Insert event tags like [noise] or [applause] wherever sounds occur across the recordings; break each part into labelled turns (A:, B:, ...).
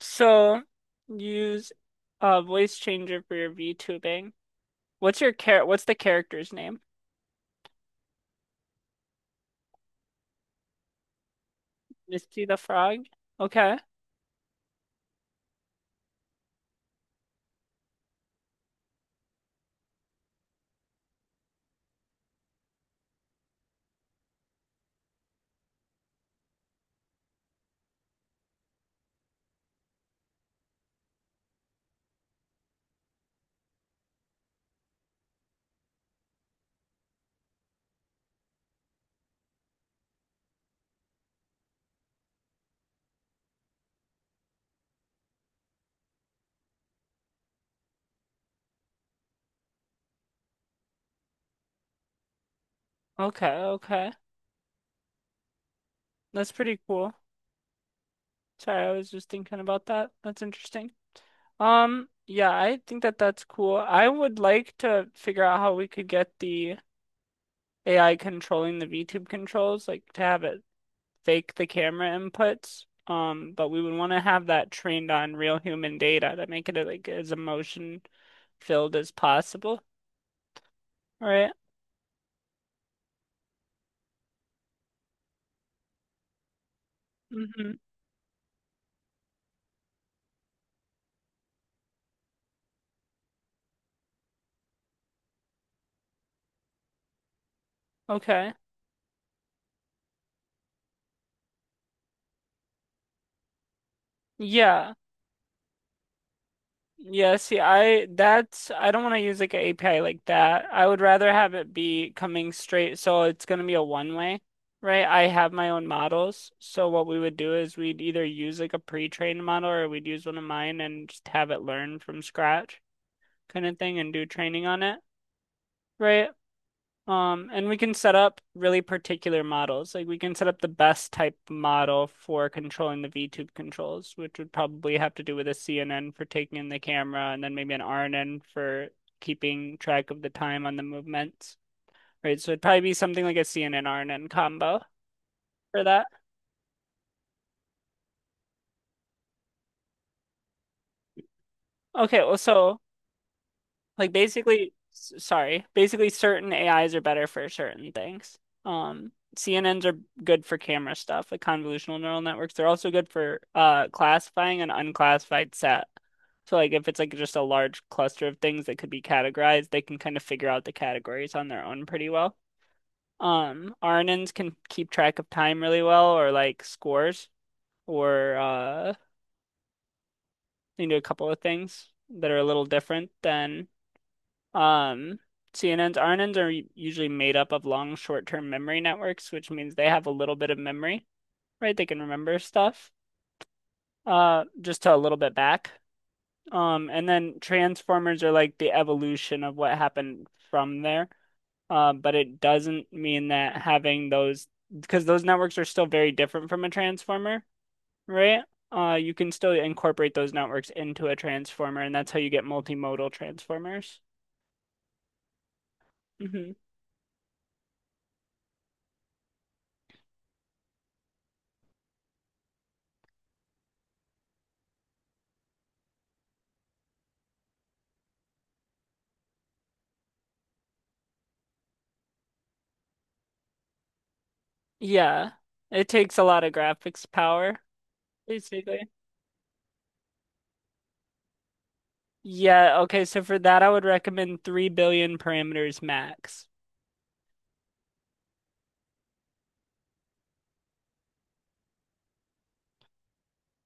A: So use a voice changer for your VTubing. What's the character's name? Misty the Frog? Okay. Okay, okay. That's pretty cool. Sorry, I was just thinking about that. That's interesting. Yeah, I think that that's cool. I would like to figure out how we could get the AI controlling the VTube controls, like to have it fake the camera inputs. But we would want to have that trained on real human data to make it like as emotion filled as possible, right? Mm-hmm. Okay. Yeah. Yeah, see, I don't want to use like an API like that. I would rather have it be coming straight, so it's going to be a one way, right? I have my own models. So what we would do is we'd either use like a pre-trained model or we'd use one of mine and just have it learn from scratch kind of thing and do training on it, right? And we can set up really particular models. Like we can set up the best type model for controlling the VTube controls, which would probably have to do with a CNN for taking in the camera and then maybe an RNN for keeping track of the time on the movements. Right, so it'd probably be something like a CNN RNN combo for that. Okay, well, so sorry, basically, certain AIs are better for certain things. CNNs are good for camera stuff, like convolutional neural networks. They're also good for classifying an unclassified set. So like if it's like just a large cluster of things that could be categorized, they can kind of figure out the categories on their own pretty well. RNNs can keep track of time really well or like scores or they can do a couple of things that are a little different than Um, CNNs, usually made up of long short-term memory networks, which means they have a little bit of memory, right? They can remember stuff, just to a little bit back. And then transformers are like the evolution of what happened from there. But it doesn't mean that having those, because those networks are still very different from a transformer, right? You can still incorporate those networks into a transformer, and that's how you get multimodal transformers. Mhm. Yeah. It takes a lot of graphics power, basically. Yeah, okay, so for that I would recommend 3 billion parameters max.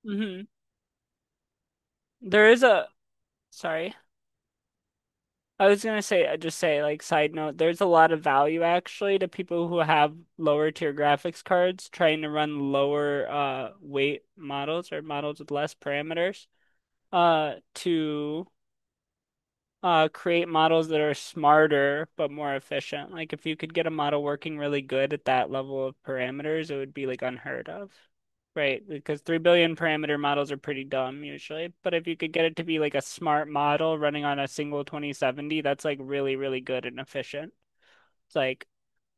A: hmm There is a, sorry. I was gonna say, like, side note, there's a lot of value actually to people who have lower tier graphics cards trying to run lower weight models or models with less parameters to create models that are smarter but more efficient. Like if you could get a model working really good at that level of parameters, it would be like unheard of, right? Because 3 billion parameter models are pretty dumb usually. But if you could get it to be like a smart model running on a single 2070, that's like really, really good and efficient. It's like,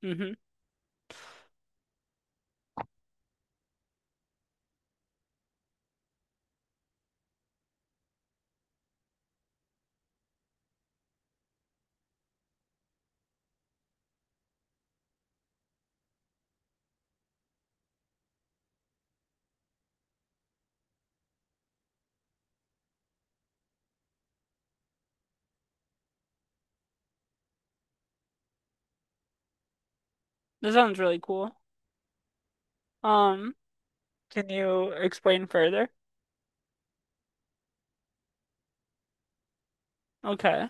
A: mm-hmm. This sounds really cool. Um, can you explain further? Okay.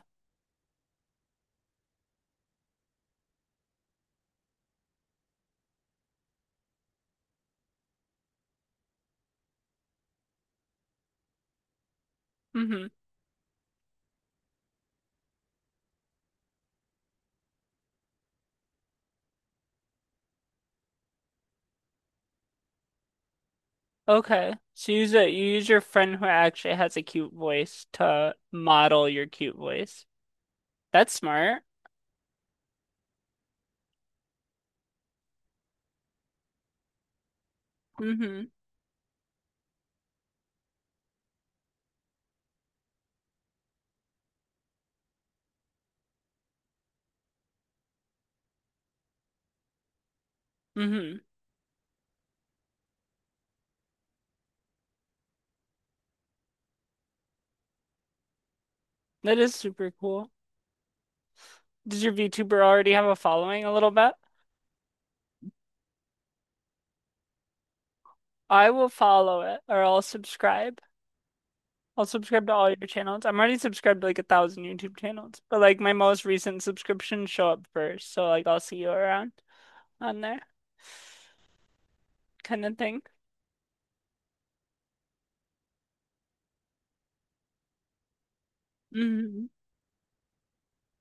A: Mm-hmm. Okay. So you use you use your friend who actually has a cute voice to model your cute voice. That's smart. Mm-hmm. Mm-hmm. That is super cool. Does your VTuber already have a following a little bit? I will follow it or I'll subscribe. I'll subscribe to all your channels. I'm already subscribed to like a thousand YouTube channels, but like my most recent subscriptions show up first. So like I'll see you around on there kind of thing. hmm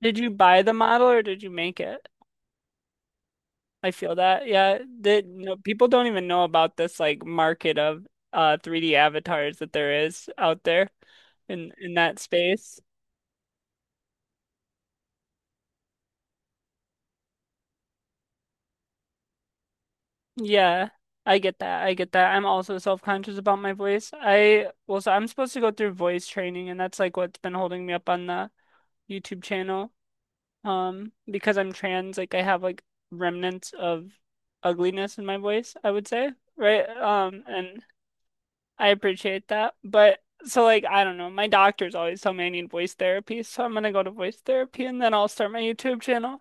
A: Did you buy the model or did you make it? I feel that. Yeah, the no, people don't even know about this like market of 3D avatars that there is out there in that space. Yeah, I get that. I get that. I'm also self-conscious about my voice. I well, so I'm supposed to go through voice training, and that's like what's been holding me up on the YouTube channel. Because I'm trans, like I have like remnants of ugliness in my voice, I would say, right? And I appreciate that. But so like I don't know, my doctors always tell me I need voice therapy, so I'm gonna go to voice therapy and then I'll start my YouTube channel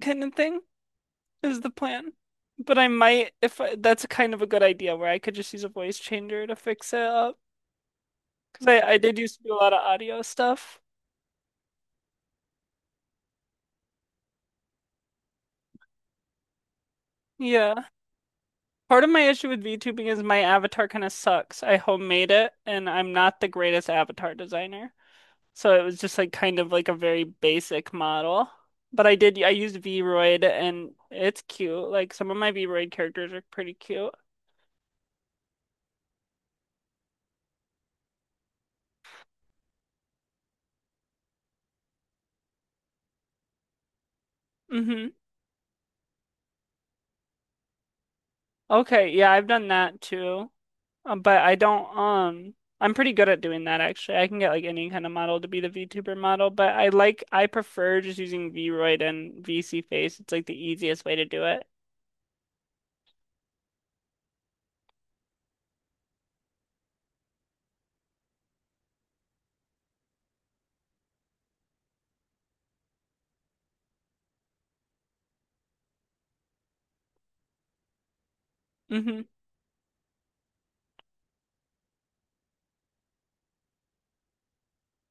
A: kind of thing is the plan. But I might if I, that's kind of a good idea where I could just use a voice changer to fix it up because I did used to do a lot of audio stuff. Yeah. Part of my issue with VTubing is my avatar kind of sucks. I homemade it and I'm not the greatest avatar designer. So it was just like kind of like a very basic model. But I used Vroid and it's cute. Like some of my Vroid characters are pretty cute. hmm Okay, yeah, I've done that too. But I don't I'm pretty good at doing that actually. I can get like any kind of model to be the VTuber model, but I prefer just using Vroid and VC Face. It's like the easiest way to do it. hmm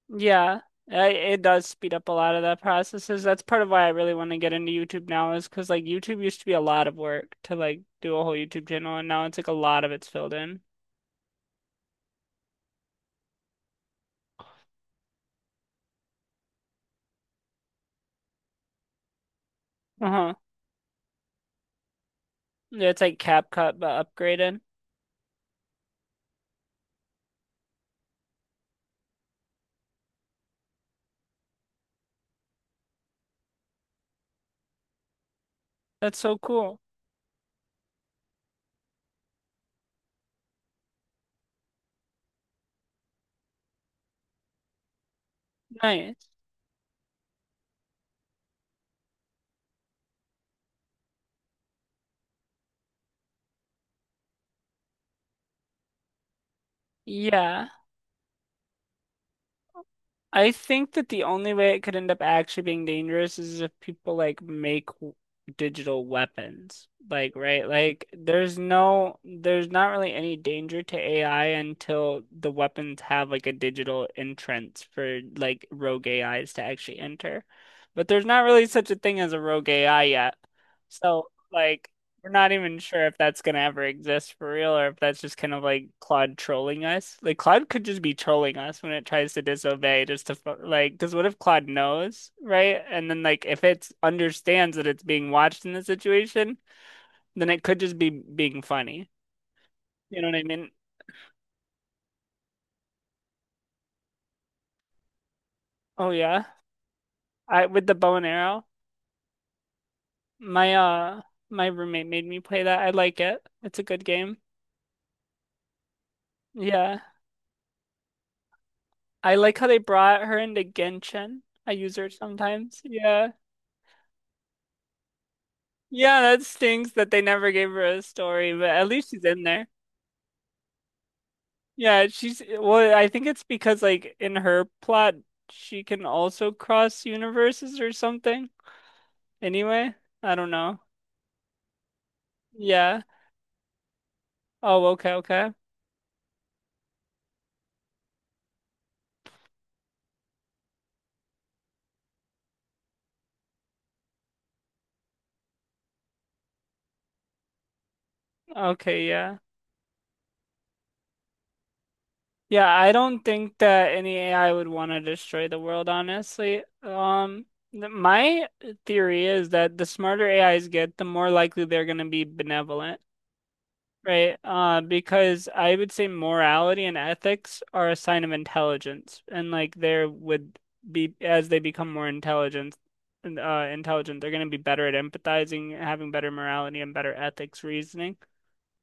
A: Yeah, it does speed up a lot of the processes. That's part of why I really want to get into YouTube now is because like YouTube used to be a lot of work to like do a whole YouTube channel, and now it's like a lot of it's filled in. Uh-huh. Yeah, it's like CapCut but upgraded. That's so cool. Nice. Yeah. I think that the only way it could end up actually being dangerous is if people like make digital weapons. Like, right? Like, there's no, there's not really any danger to AI until the weapons have like a digital entrance for like rogue AIs to actually enter. But there's not really such a thing as a rogue AI yet. So, like, we're not even sure if that's gonna ever exist for real or if that's just kind of like Claude trolling us. Like Claude could just be trolling us when it tries to disobey just to like because what if Claude knows, right? And then like if it understands that it's being watched in this situation, then it could just be being funny. You know what I mean? Oh yeah. I with the bow and arrow, my uh my roommate made me play that. I like it. It's a good game. Yeah. I like how they brought her into Genshin. I use her sometimes. Yeah. Yeah, that stinks that they never gave her a story, but at least she's in there. Yeah, she's well, I think it's because like in her plot she can also cross universes or something. Anyway, I don't know. Yeah. Oh, okay, okay. Okay, yeah. Yeah, I don't think that any AI would want to destroy the world, honestly. My theory is that the smarter AIs get, the more likely they're going to be benevolent. Right, because I would say morality and ethics are a sign of intelligence, and like there would be as they become more intelligent, they're going to be better at empathizing, having better morality and better ethics reasoning,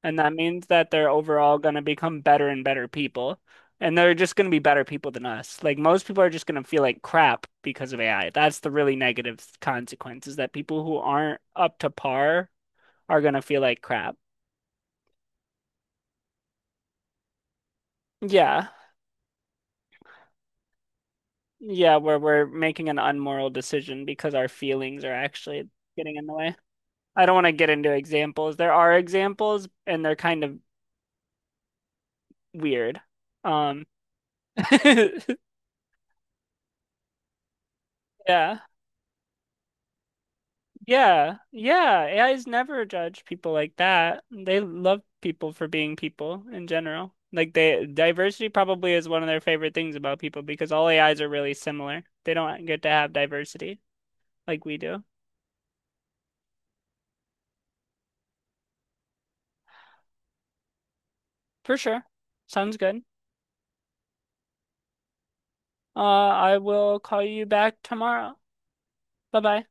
A: and that means that they're overall going to become better and better people, and they're just going to be better people than us. Like most people are just going to feel like crap because of AI. That's the really negative consequences that people who aren't up to par are going to feel like crap. Yeah. Yeah, where we're making an unmoral decision because our feelings are actually getting in the way. I don't want to get into examples. There are examples and they're kind of weird. Um [laughs] yeah. Yeah. Yeah. AIs never judge people like that. They love people for being people in general. Like they Diversity probably is one of their favorite things about people because all AIs are really similar. They don't get to have diversity like we do. For sure. Sounds good. I will call you back tomorrow. Bye bye.